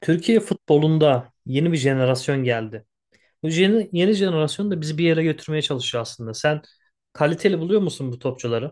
Türkiye futbolunda yeni bir jenerasyon geldi. Bu yeni jenerasyon da bizi bir yere götürmeye çalışıyor aslında. Sen kaliteli buluyor musun bu topçuları?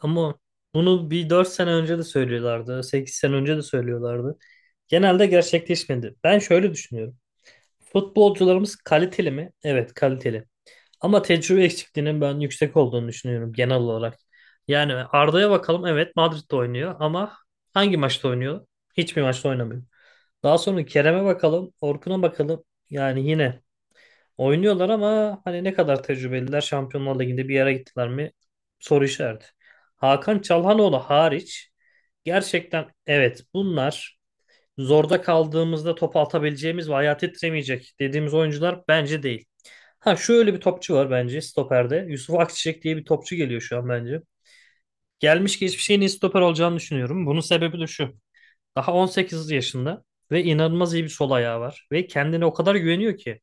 Ama bunu bir 4 sene önce de söylüyorlardı, 8 sene önce de söylüyorlardı. Genelde gerçekleşmedi. Ben şöyle düşünüyorum. Futbolcularımız kaliteli mi? Evet, kaliteli. Ama tecrübe eksikliğinin ben yüksek olduğunu düşünüyorum genel olarak. Yani Arda'ya bakalım. Evet, Madrid'de oynuyor ama hangi maçta oynuyor? Hiçbir maçta oynamıyor. Daha sonra Kerem'e bakalım, Orkun'a bakalım. Yani yine oynuyorlar ama hani ne kadar tecrübeliler, Şampiyonlar Ligi'nde bir yere gittiler mi? Soru işareti. Hakan Çalhanoğlu hariç gerçekten, evet, bunlar zorda kaldığımızda top atabileceğimiz ve ayağı titremeyecek dediğimiz oyuncular bence değil. Ha, şöyle bir topçu var bence stoperde. Yusuf Akçiçek diye bir topçu geliyor şu an bence. Gelmiş geçmiş en iyi stoper olacağını düşünüyorum. Bunun sebebi de şu. Daha 18 yaşında ve inanılmaz iyi bir sol ayağı var. Ve kendine o kadar güveniyor ki.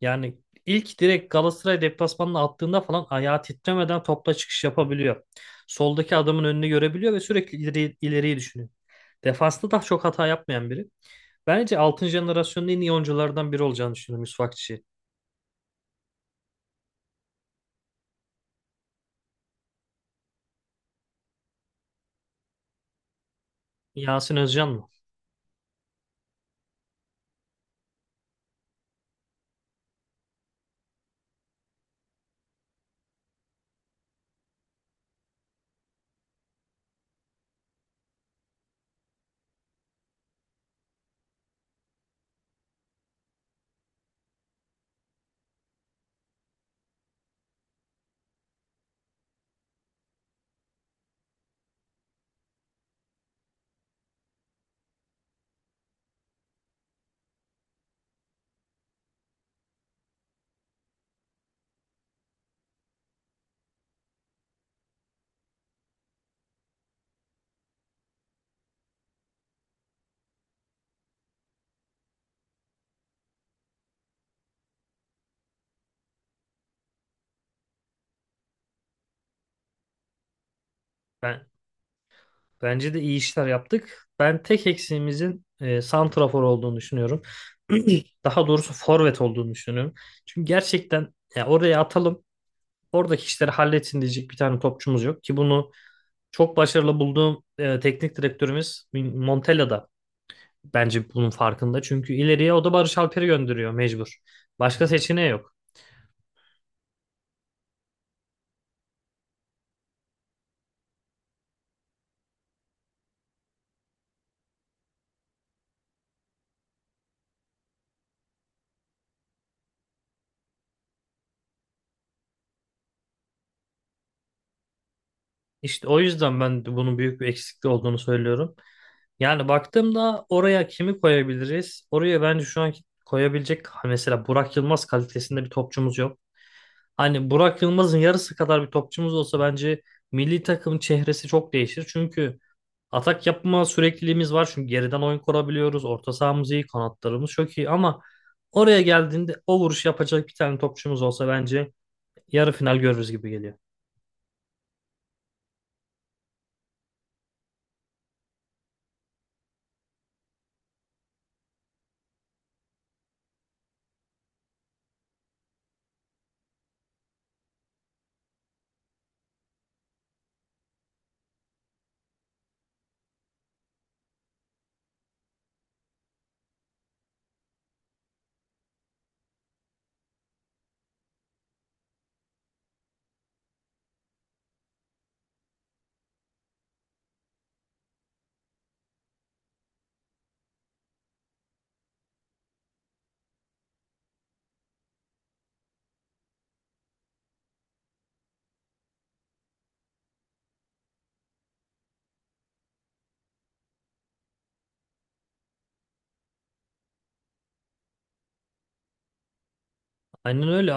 Yani ilk direkt Galatasaray deplasmanına attığında falan ayağı titremeden topla çıkış yapabiliyor. Soldaki adamın önünü görebiliyor ve sürekli ileri, ileriyi düşünüyor. Defansta daha çok hata yapmayan biri. Bence 6. jenerasyonun en iyi oyunculardan biri olacağını düşünüyorum, Yusuf Akçi. Yasin Özcan mı? Ben Bence de iyi işler yaptık. Ben tek eksiğimizin santrafor olduğunu düşünüyorum. Daha doğrusu forvet olduğunu düşünüyorum. Çünkü gerçekten ya oraya atalım, oradaki işleri halletsin diyecek bir tane topçumuz yok ki, bunu çok başarılı bulduğum teknik direktörümüz Montella da bence bunun farkında. Çünkü ileriye o da Barış Alper'i gönderiyor mecbur. Başka seçeneği yok. İşte o yüzden ben de bunun büyük bir eksikliği olduğunu söylüyorum. Yani baktığımda oraya kimi koyabiliriz? Oraya bence şu an koyabilecek mesela Burak Yılmaz kalitesinde bir topçumuz yok. Hani Burak Yılmaz'ın yarısı kadar bir topçumuz olsa bence milli takım çehresi çok değişir. Çünkü atak yapma sürekliliğimiz var. Çünkü geriden oyun kurabiliyoruz. Orta sahamız iyi, kanatlarımız çok iyi ama oraya geldiğinde o vuruş yapacak bir tane topçumuz olsa bence yarı final görürüz gibi geliyor. Aynen öyle.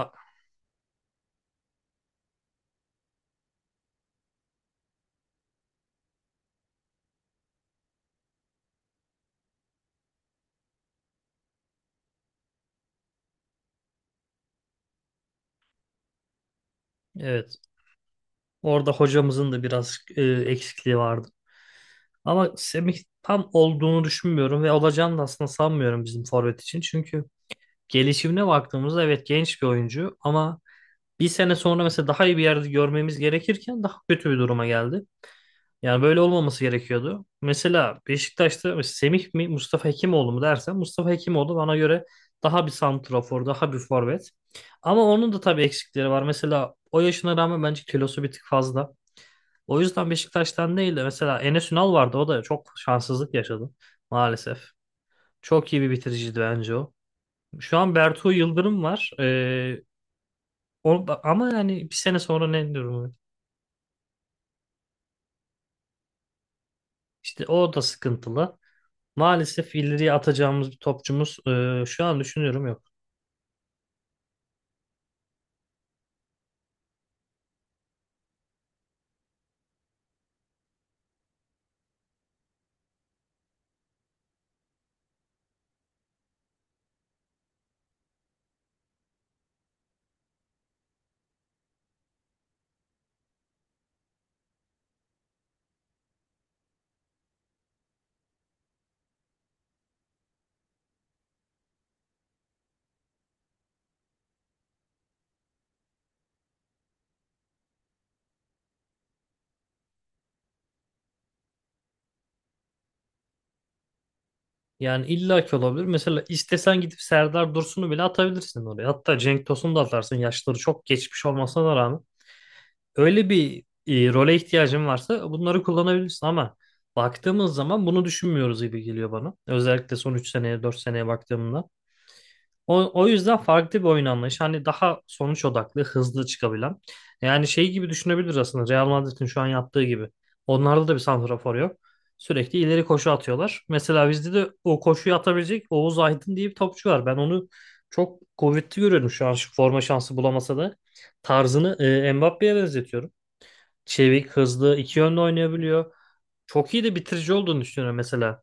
Evet. Orada hocamızın da biraz eksikliği vardı. Ama Semih tam olduğunu düşünmüyorum ve olacağını da aslında sanmıyorum bizim forvet için. Çünkü gelişimine baktığımızda evet genç bir oyuncu ama bir sene sonra mesela daha iyi bir yerde görmemiz gerekirken daha kötü bir duruma geldi. Yani böyle olmaması gerekiyordu. Mesela Beşiktaş'ta mesela Semih mi Mustafa Hekimoğlu mu dersen, Mustafa Hekimoğlu bana göre daha bir santrafor, daha bir forvet. Ama onun da tabii eksikleri var. Mesela o yaşına rağmen bence kilosu bir tık fazla. O yüzden Beşiktaş'tan değil de mesela Enes Ünal vardı. O da çok şanssızlık yaşadı maalesef. Çok iyi bir bitiriciydi bence o. Şu an Bertu Yıldırım var. O, ama yani bir sene sonra ne durumu? İşte o da sıkıntılı. Maalesef ileriye atacağımız bir topçumuz şu an düşünüyorum yok. Yani illaki olabilir. Mesela istesen gidip Serdar Dursun'u bile atabilirsin oraya. Hatta Cenk Tosun'u da atarsın. Yaşları çok geçmiş olmasına rağmen. Öyle bir role ihtiyacın varsa bunları kullanabilirsin ama baktığımız zaman bunu düşünmüyoruz gibi geliyor bana. Özellikle son 3 seneye, 4 seneye baktığımda. O yüzden farklı bir oyun anlayışı. Hani daha sonuç odaklı, hızlı çıkabilen. Yani şey gibi düşünebiliriz aslında. Real Madrid'in şu an yaptığı gibi. Onlarda da bir santrafor yok. Sürekli ileri koşu atıyorlar. Mesela bizde de o koşuyu atabilecek Oğuz Aydın diye bir topçu var. Ben onu çok kuvvetli görüyorum şu an, şu forma şansı bulamasa da tarzını Mbappe'ye benzetiyorum. Çevik, hızlı, iki yönlü oynayabiliyor. Çok iyi de bitirici olduğunu düşünüyorum mesela.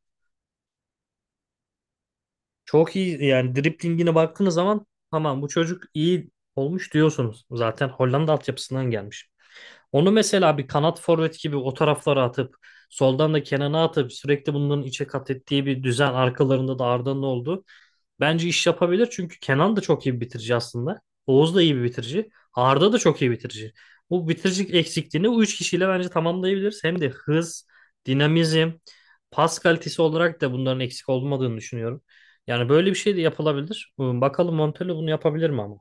Çok iyi yani, driblingine baktığınız zaman tamam bu çocuk iyi olmuş diyorsunuz. Zaten Hollanda altyapısından gelmiş. Onu mesela bir kanat forvet gibi o taraflara atıp, soldan da Kenan'a atıp sürekli bunların içe kat ettiği bir düzen, arkalarında da Arda'nın oldu. Bence iş yapabilir çünkü Kenan da çok iyi bir bitirici aslında. Oğuz da iyi bir bitirici. Arda da çok iyi bitirici. Bu bitiricilik eksikliğini bu üç kişiyle bence tamamlayabiliriz. Hem de hız, dinamizm, pas kalitesi olarak da bunların eksik olmadığını düşünüyorum. Yani böyle bir şey de yapılabilir. Bakalım Montella bunu yapabilir mi ama?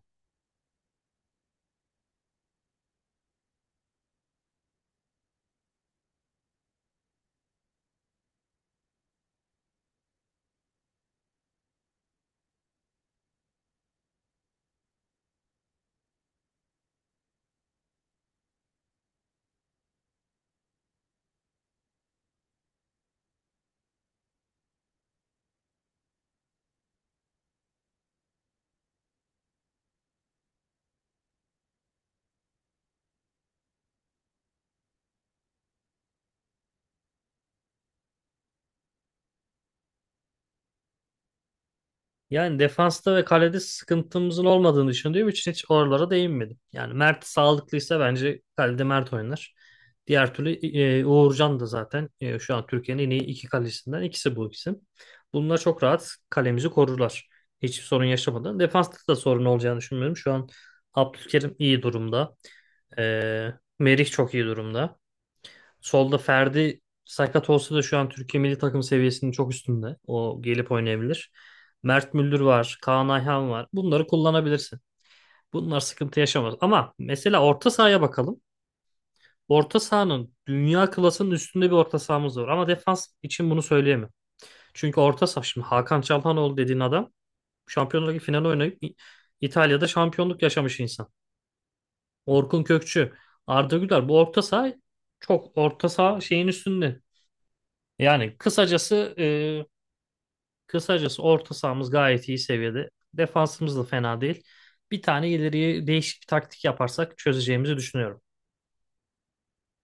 Yani defansta ve kalede sıkıntımızın olmadığını düşündüğüm için hiç oralara değinmedim. Yani Mert sağlıklıysa bence kalede Mert oynar. Diğer türlü Uğurcan da zaten, şu an Türkiye'nin en iyi iki kalecisinden ikisi bu ikisi. Bunlar çok rahat kalemizi korurlar. Hiçbir sorun yaşamadan. Defansta da sorun olacağını düşünmüyorum. Şu an Abdülkerim iyi durumda. E, Merih çok iyi durumda. Solda Ferdi sakat olsa da şu an Türkiye milli takım seviyesinin çok üstünde. O gelip oynayabilir. Mert Müldür var, Kaan Ayhan var. Bunları kullanabilirsin. Bunlar sıkıntı yaşamaz. Ama mesela orta sahaya bakalım. Orta sahanın dünya klasının üstünde bir orta sahamız var. Ama defans için bunu söyleyemem. Çünkü orta saha, şimdi Hakan Çalhanoğlu dediğin adam Şampiyonlar Ligi finali oynayıp İtalya'da şampiyonluk yaşamış insan. Orkun Kökçü, Arda Güler, bu orta saha çok orta saha şeyin üstünde. Yani kısacası kısacası orta sahamız gayet iyi seviyede. Defansımız da fena değil. Bir tane ileriye değişik bir taktik yaparsak çözeceğimizi düşünüyorum.